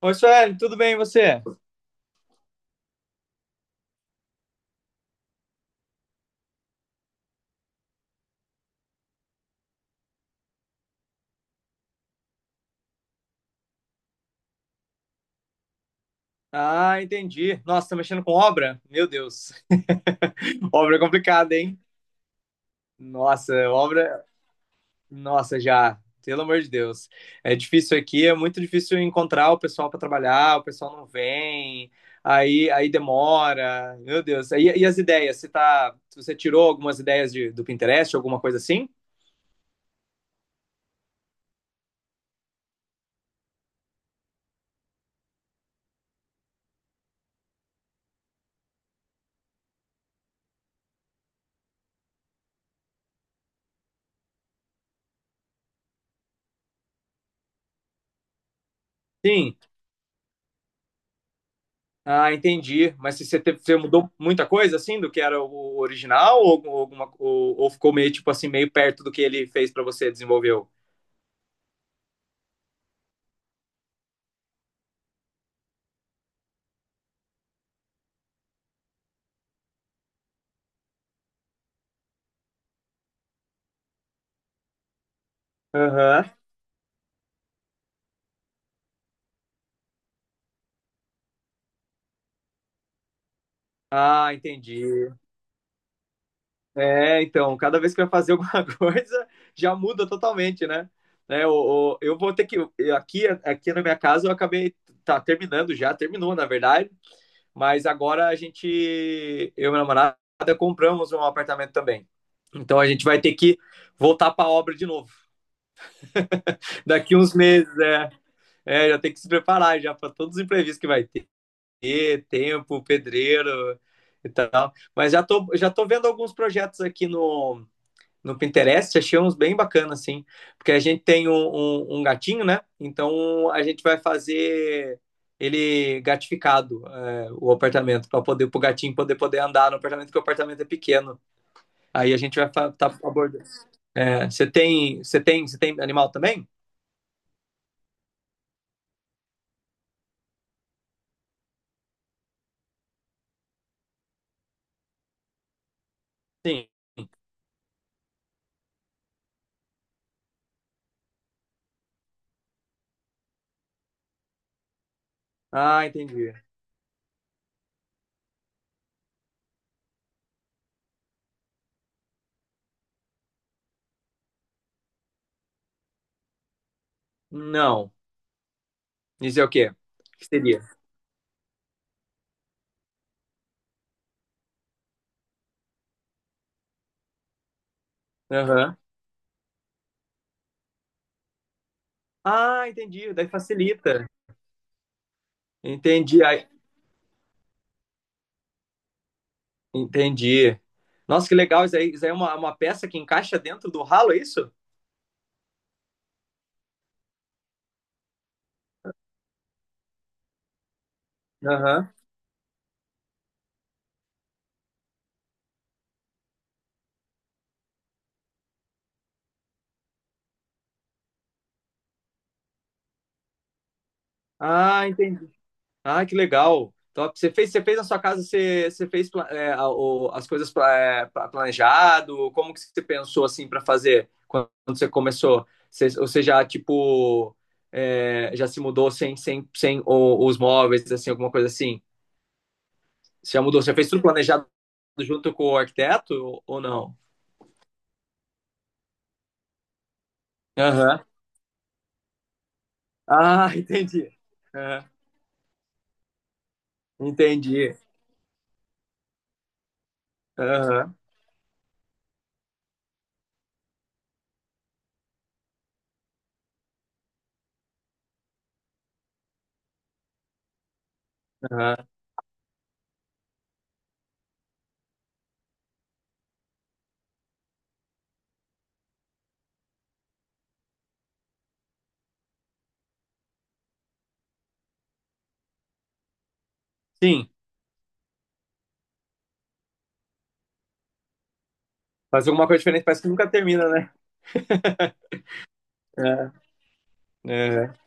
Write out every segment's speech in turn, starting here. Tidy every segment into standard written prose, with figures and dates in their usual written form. Oi, Sueli, tudo bem e você? Ah, entendi. Nossa, tá mexendo com obra? Meu Deus. Obra é complicada, hein? Nossa, obra. Nossa, já. Pelo amor de Deus. É difícil aqui, é muito difícil encontrar o pessoal para trabalhar, o pessoal não vem, aí demora. Meu Deus. E as ideias? Você tá... Você tirou algumas ideias do Pinterest, alguma coisa assim? Sim. Ah, entendi. Mas se você mudou muita coisa assim do que era o original ou, ou ficou meio tipo assim meio perto do que ele fez pra você desenvolveu? Aham. Ah, entendi. É, então, cada vez que vai fazer alguma coisa já muda totalmente, né? Né, o- eu vou ter que eu- aqui na minha casa eu acabei tá terminando já, terminou na verdade, mas agora a gente eu e minha namorada compramos um apartamento também. Então a gente vai ter que voltar pra obra de novo. Daqui uns meses, é. É. Já tem que se preparar já para todos os imprevistos que vai ter, tempo, pedreiro e tal. Mas já tô vendo alguns projetos aqui no Pinterest, achei uns bem bacanas assim. Porque a gente tem um gatinho, né? Então a gente vai fazer ele gatificado é, o apartamento para poder o gatinho poder andar no apartamento porque o apartamento é pequeno, aí a gente vai estar tá abordando. É, você é, tem você tem você tem animal também? Sim. Ah, entendi. Não. Isso é o quê? O que seria? Aham. Ah, entendi. Daí facilita. Entendi. Ai, entendi. Nossa, que legal. Isso aí é uma peça que encaixa dentro do ralo, é isso? Aham. Ah, entendi. Ah, que legal. Top. Você fez na sua casa, você fez as coisas planejado? Como que você pensou assim para fazer quando você começou? Ou você já, tipo, é, já se mudou sem os móveis, assim, alguma coisa assim? Você já mudou? Você já fez tudo planejado junto com o arquiteto não? Aham. Ah, entendi. Aham. Entendi. Aham. Aham. Sim. Faz alguma coisa diferente, parece que nunca termina, né? É. É.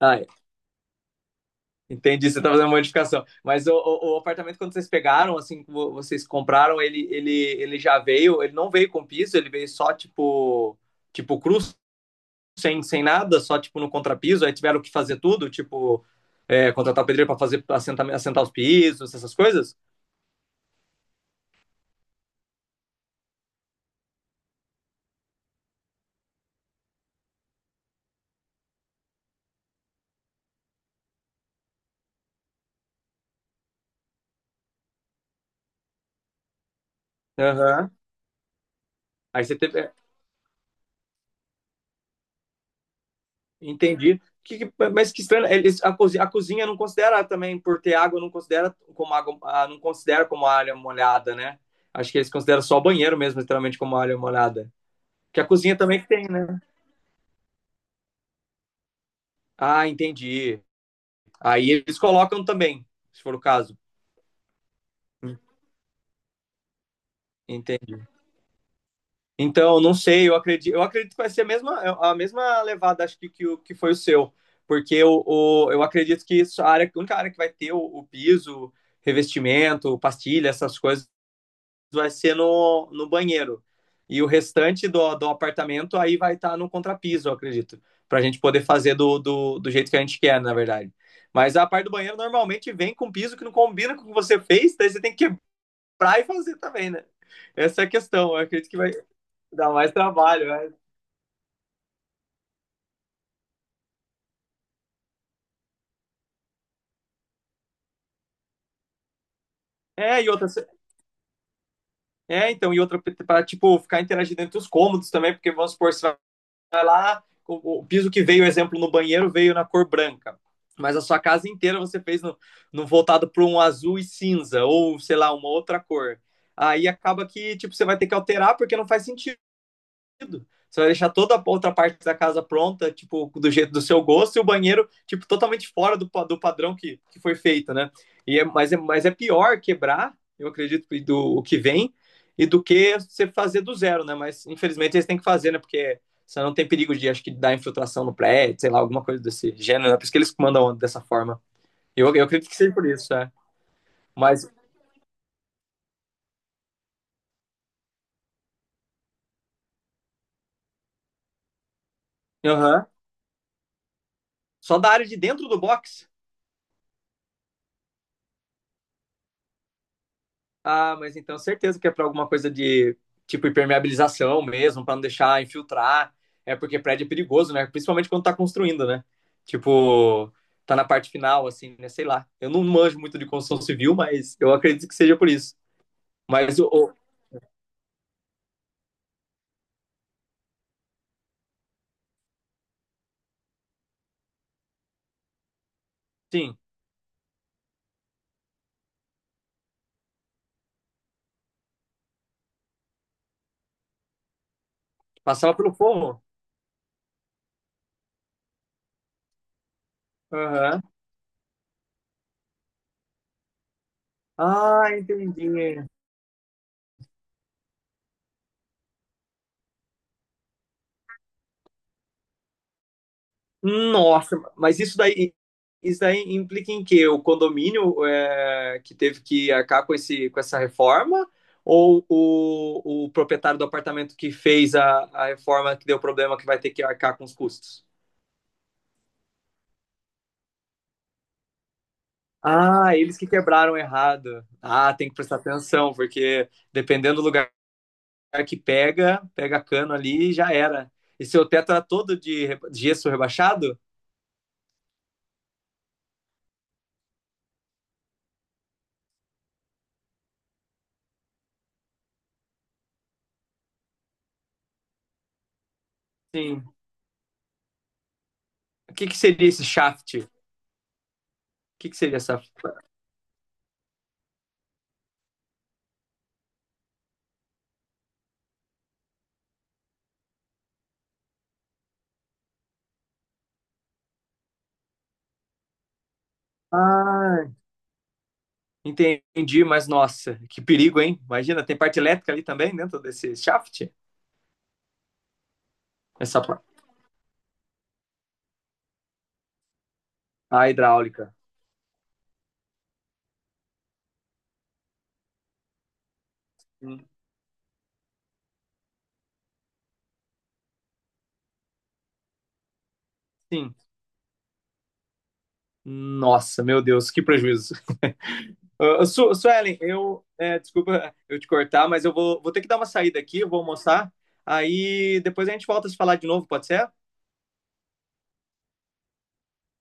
Ah, entendi, você tá fazendo uma modificação. Mas o apartamento, quando vocês pegaram, assim, que vocês compraram, ele já veio, ele não veio com piso, ele veio só, tipo, tipo cru, sem, nada, só tipo no contrapiso, aí tiveram que fazer tudo, tipo, é, contratar o pedreiro para fazer pra assentar os pisos, essas coisas. Aham. Aí você teve. É, entendi. Mas que estranho, a cozinha não considera também, por ter água, não considera como água, ah, não considera como área molhada, né? Acho que eles consideram só o banheiro mesmo, literalmente, como área molhada. Que a cozinha também que tem, né? Ah, entendi. Aí eles colocam também, se for o caso. Entendi. Então, não sei, eu acredito que vai ser a mesma levada, acho que foi o seu, porque eu acredito que isso, a única área que vai ter o piso, revestimento, pastilha, essas coisas, vai ser no banheiro. E o restante do apartamento aí vai estar no contrapiso, eu acredito, para a gente poder fazer do jeito que a gente quer, na verdade. Mas a parte do banheiro normalmente vem com piso que não combina com o que você fez, daí você tem que quebrar e fazer também, né? Essa é a questão. Eu acredito que vai. Dá mais trabalho, né? É, e outra. É, então, e outra, para tipo, ficar interagindo entre os cômodos também, porque vamos supor, você vai lá, o piso que veio, exemplo, no banheiro veio na cor branca, mas a sua casa inteira você fez no voltado para um azul e cinza, ou sei lá, uma outra cor. Aí acaba que tipo, você vai ter que alterar porque não faz sentido. Você vai deixar toda a outra parte da casa pronta, tipo, do jeito do seu gosto, e o banheiro, tipo, totalmente fora do padrão que foi feito, né? E é, mas é pior quebrar, eu acredito, do o que vem, e do que você fazer do zero, né? Mas infelizmente eles têm que fazer, né? Porque você não tem perigo de, acho que, dar infiltração no prédio, sei lá, alguma coisa desse gênero, né? Por isso que eles mandam dessa forma. Eu acredito que seja por isso, né? Mas, aham. Uhum. Só da área de dentro do box. Ah, mas então certeza que é para alguma coisa de tipo impermeabilização mesmo, para não deixar infiltrar. É porque prédio é perigoso, né? Principalmente quando tá construindo, né? Tipo, tá na parte final, assim, né? Sei lá. Eu não manjo muito de construção civil, mas eu acredito que seja por isso. Mas sim, passava pelo forro. Aham. Ah, entendi. Nossa, mas isso daí implica em quê? O condomínio é, que teve que arcar com com essa reforma? Ou o proprietário do apartamento que fez a reforma que deu problema que vai ter que arcar com os custos? Ah, eles que quebraram errado. Ah, tem que prestar atenção, porque dependendo do lugar que pega, pega cano ali e já era. E seu teto era todo de gesso rebaixado? Sim. O que que seria esse shaft? O que que seria essa? Ah, entendi, mas nossa, que perigo, hein? Imagina, tem parte elétrica ali também dentro desse shaft? Essa parte. A hidráulica. Hum. Sim. Nossa, meu Deus, que prejuízo. Ah, Su Suelen, eu. É, desculpa eu te cortar, mas vou ter que dar uma saída aqui, eu vou almoçar. Aí depois a gente volta a se falar de novo, pode ser?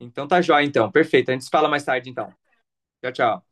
Então tá jóia, então. Perfeito. A gente se fala mais tarde, então. Tchau, tchau.